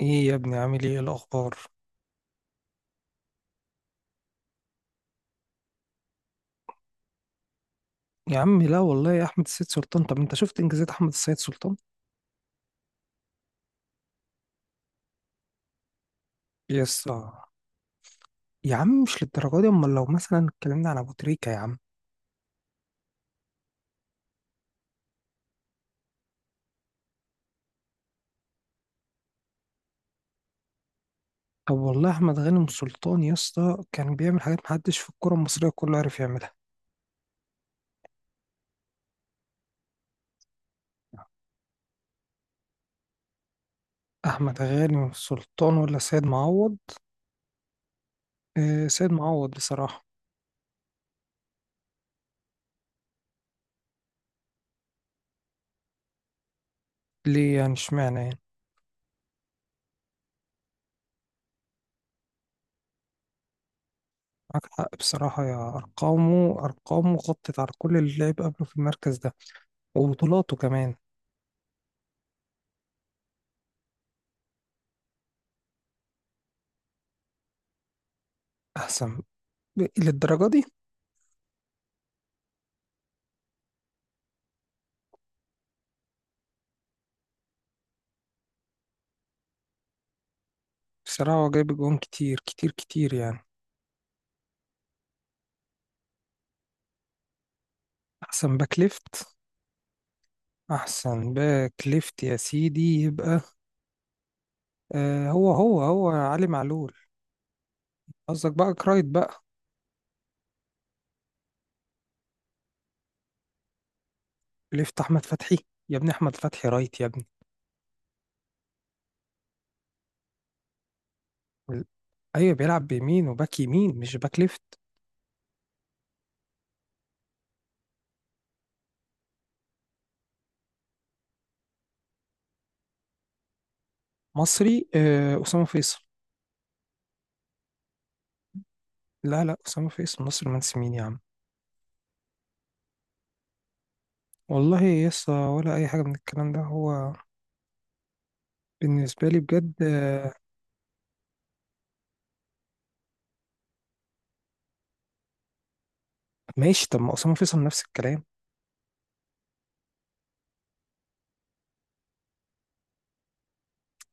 ايه يا ابني، عامل ايه الاخبار؟ يا عم لا والله يا احمد السيد سلطان، طب انت شفت انجازات احمد السيد سلطان؟ يس آه. يا عم مش للدرجه دي، امال لو مثلا اتكلمنا على ابو تريكه يا عم. طب والله احمد غانم سلطان يا اسطى كان بيعمل حاجات محدش في الكره المصريه كله عارف يعملها. احمد غانم سلطان ولا سيد معوض؟ آه سيد معوض بصراحه. ليه يعني؟ اشمعنى يعني؟ معاك حق بصراحة، يا أرقامه، أرقامه غطت على كل اللي لعب قبله في المركز ده، وبطولاته كمان. أحسن. للدرجة دي؟ بصراحة هو جايب جون كتير كتير كتير يعني. أحسن باك ليفت. أحسن باك ليفت يا سيدي يبقى آه هو علي معلول. قصدك بقى رايت بقى؟ ليفت أحمد فتحي. يا ابني أحمد فتحي رايت يا ابني. ال- أيوة بيلعب بيمين وباك يمين، مش باك ليفت. مصري آه أسامة فيصل. لا لا، أسامة فيصل مصري، مهندس مين يا عم. والله يسا ولا أي حاجة من الكلام ده هو. بالنسبة لي بجد آه. ماشي، طب ما أسامة فيصل نفس الكلام.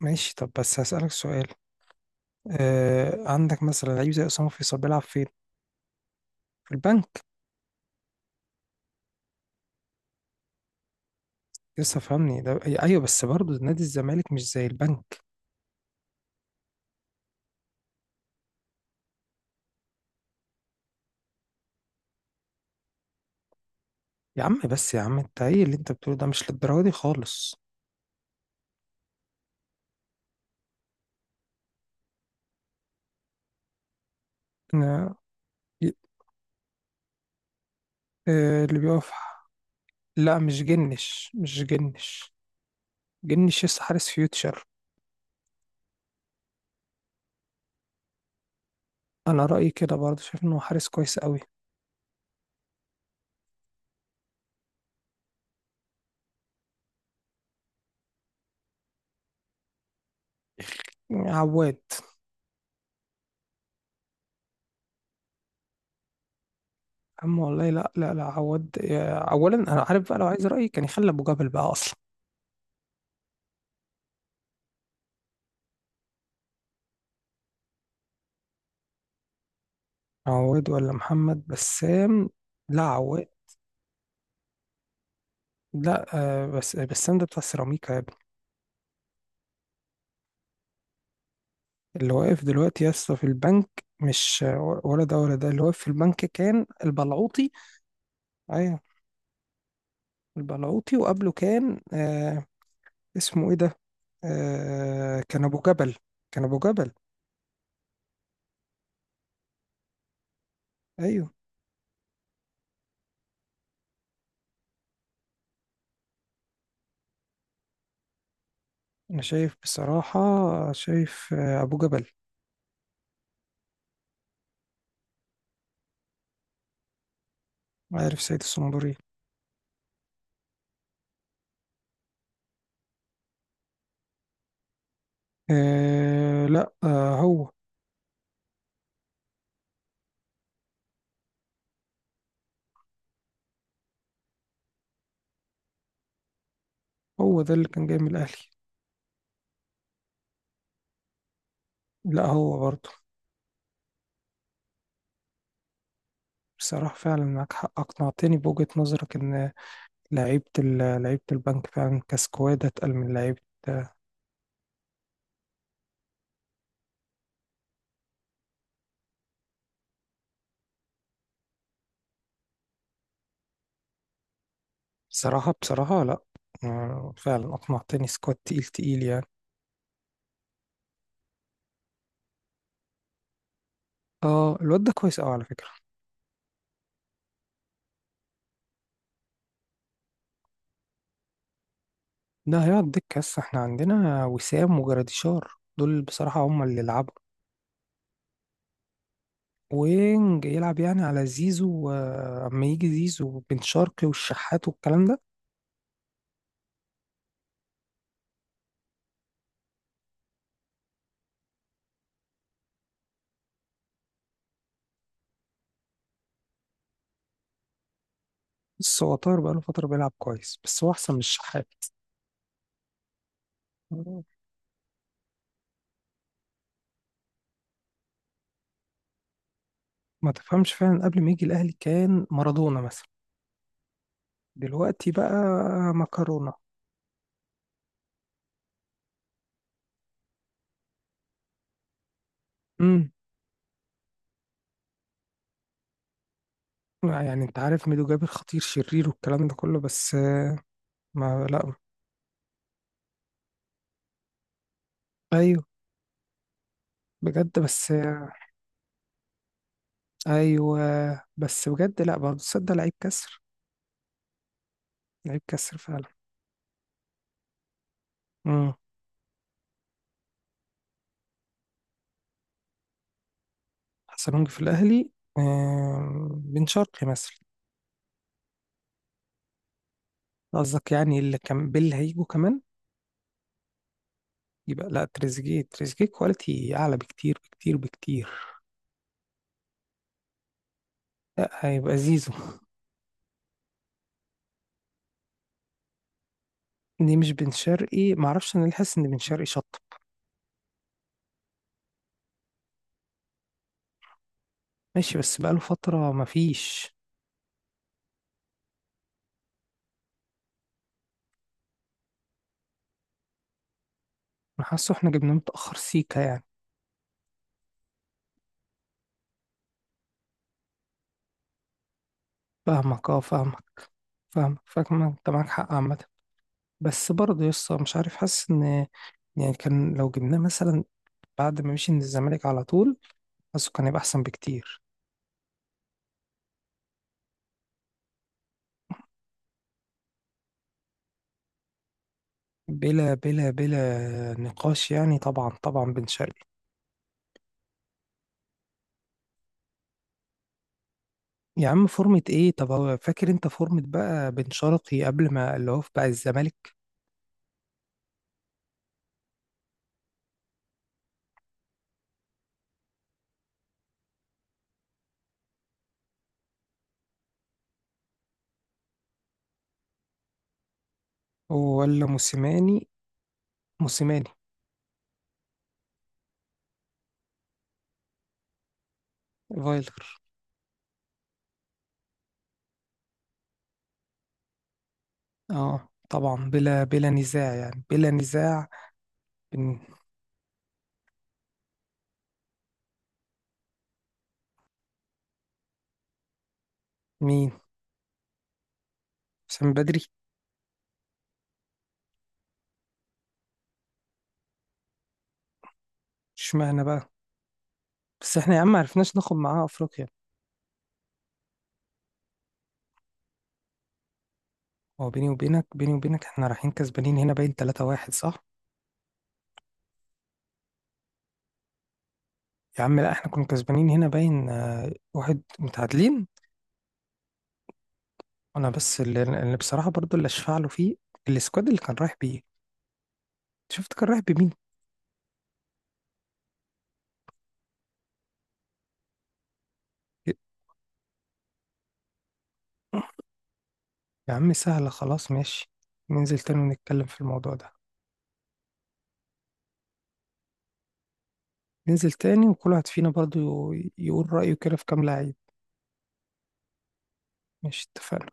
ماشي طب بس هسألك سؤال. آه عندك مثلا لعيب زي اسامه فيصل بيلعب فين؟ في البنك. لسه فهمني ده، ايوه، بس برضه نادي الزمالك مش زي البنك. يا عم بس يا عم، انت ايه اللي انت بتقوله ده؟ مش للدرجه دي خالص. انا آه، اللي بيقف. لا، مش جنش مش جنش. جنش لسه حارس فيوتشر. انا رايي كده برضه، شايف انه حارس كويس قوي. عواد. عم والله لا لا لا، عواد اولا، انا عارف بقى لو عايز رايي كان يخلي ابو جبل بقى اصلا. عواد ولا محمد بسام؟ لا، عواد. لا آه، بس ده بتاع السيراميكا يا ابني. اللي واقف دلوقتي يا اسطى في البنك، مش آه، ولا ده ولا ده، اللي واقف في البنك كان البلعوطي. ايوه، البلعوطي، وقبله كان آه، اسمه ايه ده، آه كان ابو جبل. كان ابو جبل. ايوه. انا شايف بصراحة، شايف آه ابو جبل. عارف سيد الصنبوري. آه لا، آه هو. هو ده اللي كان جاي من الاهلي. لا هو برضه. بصراحة فعلا معاك حق، أقنعتني بوجهة نظرك إن لعيبة لعيبة البنك فعلا كسكواد أتقل من لعيبة. بصراحة بصراحة لأ. آه، فعلا أقنعتني، سكواد تقيل تقيل يعني. اه الواد ده كويس أوي على فكرة. ده هيقعد دكة، بس احنا عندنا وسام وجراديشار، دول بصراحة هما اللي يلعبوا. وينج يلعب يعني على زيزو آه، أما يجي زيزو وبن شرقي والشحات والكلام ده. بس هو طاهر بقاله فترة بيلعب كويس، بس هو أحسن من الشحات. ما تفهمش، فعلا قبل ما يجي الأهلي كان مارادونا مثلا، دلوقتي بقى مكرونة. امم. لا يعني انت عارف ميدو جابر خطير شرير والكلام ده كله، بس آه، ما لا، ايوه، بجد بس آه، ايوه، بس بجد لا برضه تصدق، لعيب كسر. لعيب كسر فعلا. امم. حسنونجي في الاهلي. آه، بن شرقي مثلا. قصدك يعني اللي كان باللي هيجوا كمان؟ يبقى لا، تريزيجيه، تريزيجيه كواليتي اعلى بكتير بكتير بكتير. لا، هيبقى زيزو. دي مش بن شرقي، معرفش انا، اللي حاسس ان بن شرقي شط. ماشي بس بقاله فتره مفيش. انا حاسه احنا جبناه متأخر سيكا يعني. فاهمك اه فاهمك. فاهمك انت معاك حق عامة. بس برضه يسطا مش عارف، حاسس ان، يعني كان لو جبناه مثلا بعد ما مشي من الزمالك على طول، حاسه كان يبقى احسن بكتير. بلا بلا بلا نقاش يعني، طبعا طبعا بن شرقي. يا عم فورمة ايه؟ طب هو فاكر، انت فورمة بقى بن شرقي قبل ما اللي هو في بقى الزمالك. ولا موسيماني. موسيماني. فايلر. اه طبعا، بلا بلا نزاع يعني، بلا نزاع. بن مين؟ حسام بدري. اشمعنى بقى؟ بس احنا يا عم معرفناش ناخد معاها افريقيا. هو بيني وبينك، بيني وبينك احنا رايحين كسبانين هنا باين 3-1 صح. يا عم لا، احنا كنا كسبانين هنا باين آه، واحد، متعادلين. انا بس اللي, بصراحة برضو، اللي اشفع له فيه السكواد اللي كان رايح بيه. شفت كان رايح بمين. يا عم سهلة خلاص، ماشي. ننزل تاني ونتكلم في الموضوع ده. ننزل تاني وكل واحد فينا برضو يقول رأيه كده في كام لعيب. ماشي، اتفقنا.